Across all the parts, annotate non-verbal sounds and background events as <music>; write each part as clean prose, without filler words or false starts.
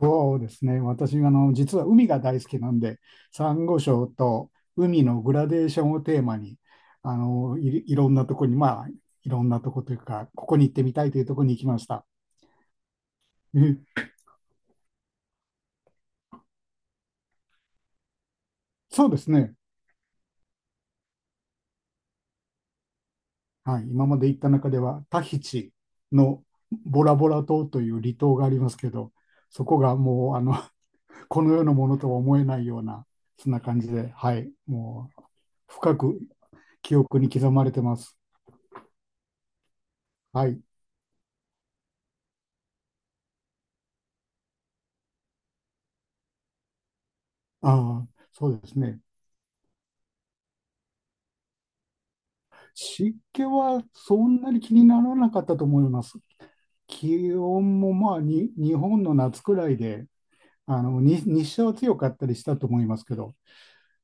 そうですね。私、実は海が大好きなんで、サンゴ礁と海のグラデーションをテーマに、いろんなとこに、まあ、いろんなとこというか、ここに行ってみたいというとこに行きました。えそうですね。はい。今まで行った中では、タヒチのボラボラ島という離島がありますけど、そこがもう、<laughs> この世のものとは思えないような、そんな感じで、はい。もう、深く記憶に刻まれてます。はい。ああ、そうですね。湿気はそんなに気にならなかったと思います。気温もまあに日本の夏くらいで、あのに日射は強かったりしたと思いますけど、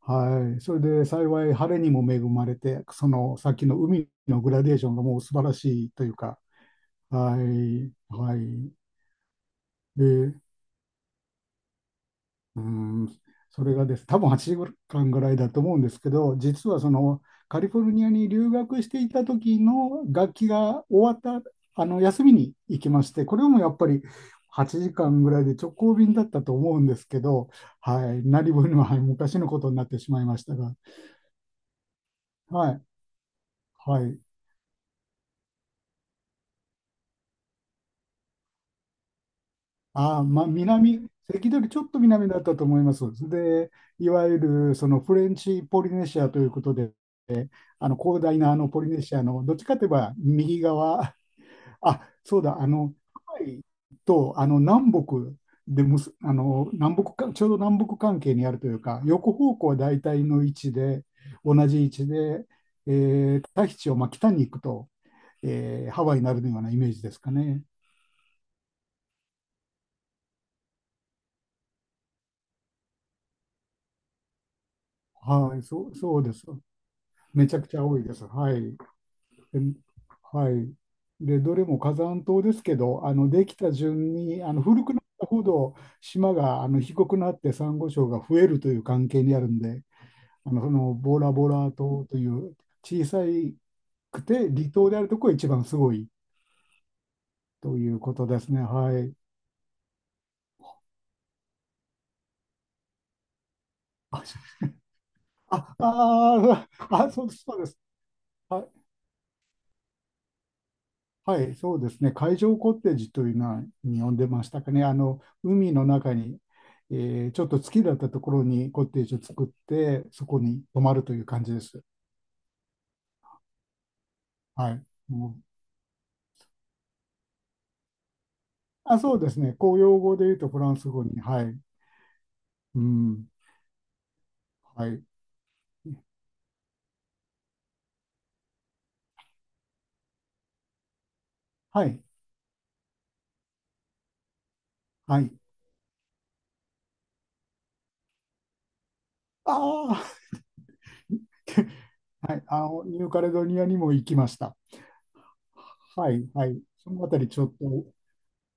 はい、それで幸い晴れにも恵まれて、そのさっきの海のグラデーションがもう素晴らしいというか、はい、はい。で、うーん、それがです、多分8時間ぐらいだと思うんですけど、実はそのカリフォルニアに留学していた時の学期が終わったあの休みに行きまして、これもやっぱり8時間ぐらいで直行便だったと思うんですけど、はい、何分にも、はい、昔のことになってしまいましたが、はい、はい。まあ、関取ちょっと南だったと思います。で、いわゆるそのフレンチポリネシアということで、広大なあのポリネシアのどっちかといえば右側、あ、そうだ、ハワイとあの南北でむす、あの南北か、ちょうど南北関係にあるというか、横方向は大体の位置で、同じ位置で、えタヒチをまあ北に行くと、ハワイになるようなイメージですかね。はい、そうです。めちゃくちゃ多いです。はい。ではい。で、どれも火山島ですけど、できた順に古くなったほど島が低くなってサンゴ礁が増えるという関係にあるんで、そのボラボラ島という小さくて離島であるところが一番すごいということですね。はい。あ、あ、あそうです、そうです。はいはい、そうですね。海上コテージというのはに呼んでましたかね。海の中に、ちょっと月だったところにコテージを作って、そこに泊まるという感じです。はい。うんあ、そうですね。公用語で言うとフランス語に。はい。うん。はい。はい。はい。ああ、はい。ニューカレドニアにも行きました。はい。はい。そのあたりちょっと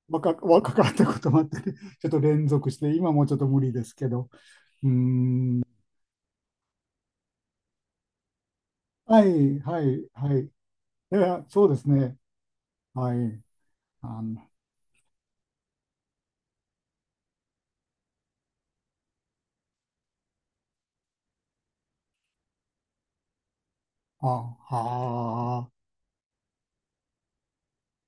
若かったこともあってね、ちょっと連続して、今もちょっと無理ですけど。うん。はい、はい、はい。いや、そうですね。はい。あの、あ、あ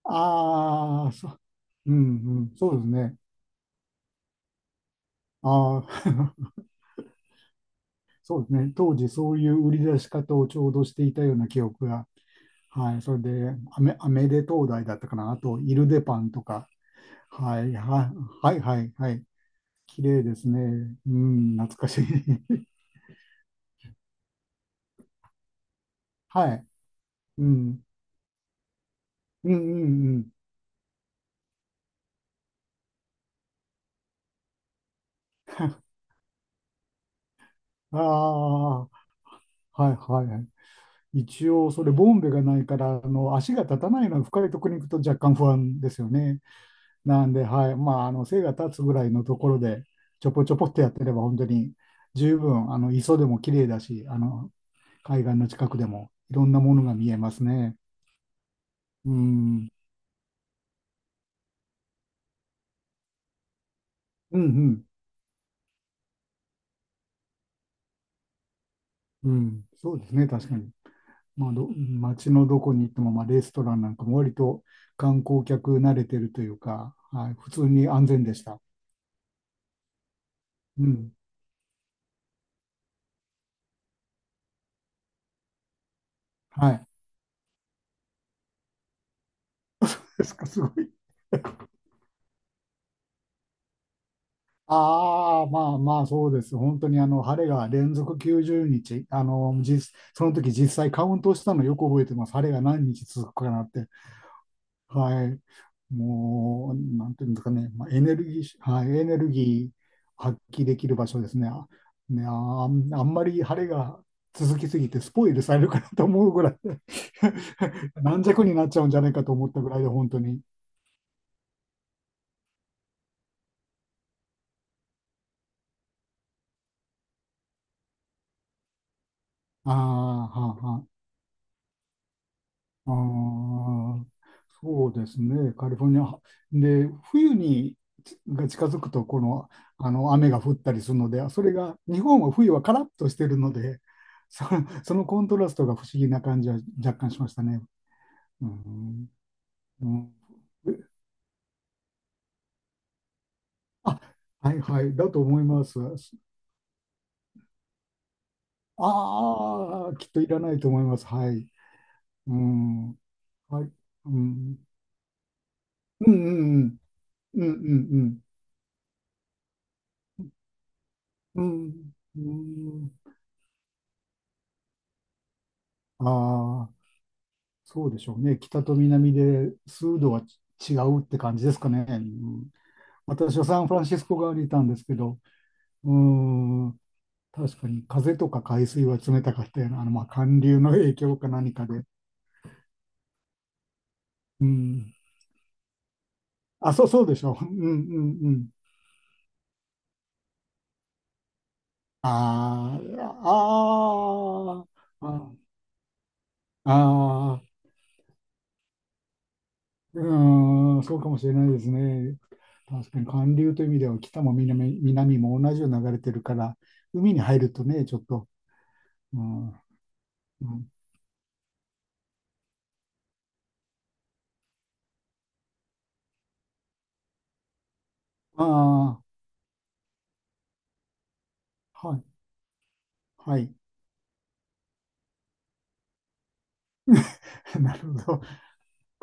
あ、そう、うん、うん、そうですね。ああ、<laughs> そうですね。当時、そういう売り出し方をちょうどしていたような記憶が。はい。それで、アメレ東大だったかな。あと、イルデパンとか。はい、はい、はい、はい。はい綺麗ですね。うん、懐かしい。<laughs> はい。うん、うん、うん、うん。<laughs> ああ、はい、はい。一応、それ、ボンベがないから、足が立たないのは深いところに行くと若干不安ですよね。なんで、はい。まあ、背が立つぐらいのところで、ちょぽちょぽってやってれば、本当に十分、磯でも綺麗だし、海岸の近くでもいろんなものが見えますね。うん、うん、うん、うん。そうですね、確かに。まあ、街のどこに行っても、まあ、レストランなんかも割と観光客慣れてるというか、はい。普通に安全でした。うん。はい。<laughs> ですか、すごい。ああ、まあまあ、そうです。本当にあの晴れが連続90日、あの実その時実際カウントしたのよく覚えてます。晴れが何日続くかなって。はい。もう、なんていうんですかね、まあ、エネルギー、はい、エネルギー発揮できる場所ですね。あ、ね、あ、あんまり晴れが続きすぎてスポイルされるかなと思うぐらい <laughs> 軟弱になっちゃうんじゃないかと思ったぐらいで、本当に。ああ、はあ、はああ、そうですね。カリフォルニア。で、冬にちが近づくと、この、あの雨が降ったりするので、それが、日本は冬はカラッとしてるので、<laughs> そ、そのコントラストが不思議な感じは若干しましたね。うん、うんあ、はいはい、だと思います。ああ、きっといらないと思います。はい。うん、はい。うん、うん、うん、うん、うん、うん、うん、うん、ああ。そうでしょうね。北と南で数度は違うって感じですかね。うん、私はサンフランシスコ側にいたんですけど、うーん、確かに風とか海水は冷たかったような、まあ、寒流の影響か何かで。うん。あ、そうそうでしょう。うんうんうん。あーあー、ああ、うーん、そうかもしれないですね。確かに寒流という意味では北も南、南も同じように流れてるから、海に入るとね、ちょっとうん、うん。ああ、はい、はい。<laughs> なるほど。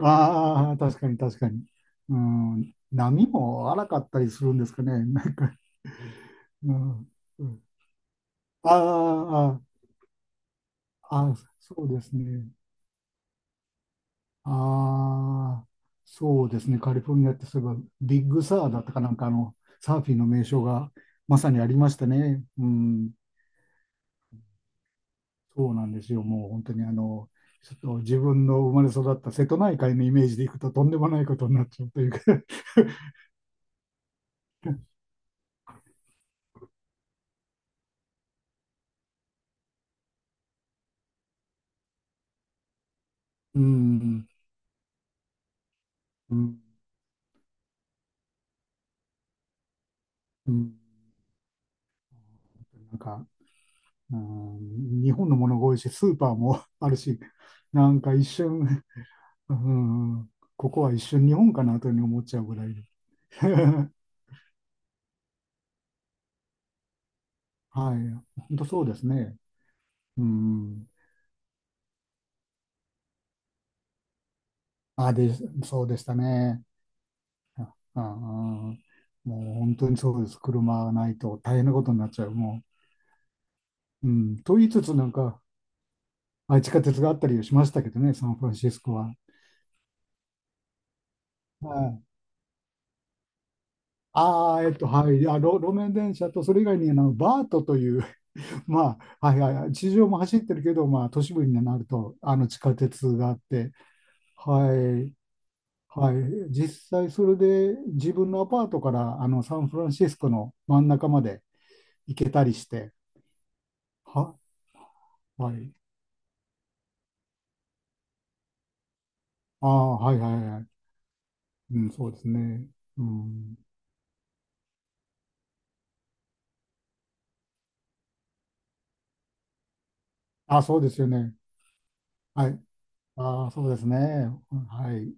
ああ、確かに確かに。うん、波も荒かったりするんですかね。なんか、うん、うん。ああ、ああ、そうですね。ああ、そうですね。カリフォルニアってそういえば、ビッグサーだったかなんかサーフィンの名称がまさにありましたね。うん。そうなんですよ。もう本当にちょっと自分の生まれ育った瀬戸内海のイメージでいくととんでもないことになっちゃうというか <laughs> うん、うん、うん、なんか、うん、日本のものが多いし、スーパーも <laughs> あるし、なんか一瞬、うん、ここは一瞬日本かなというふうに思っちゃうぐらいで。<laughs> はい、本当そうですね。うん、あ、で、そうでしたね。あ、あ、もう本当にそうです。車がないと大変なことになっちゃう。もううん、と言いつつ、なんか、あ、地下鉄があったりしましたけどね、サンフランシスコは。はい、はい、あ、路面電車と、それ以外にバートという、<laughs> まあ、はいはいはい、地上も走ってるけど、まあ、都市部になると、地下鉄があって、はい、はい、実際それで自分のアパートから、サンフランシスコの真ん中まで行けたりして、は、はい、あー、はいはいはい、うん、そうですね、うん、あ、そうですよね、はい、ああ、そうですね。はい。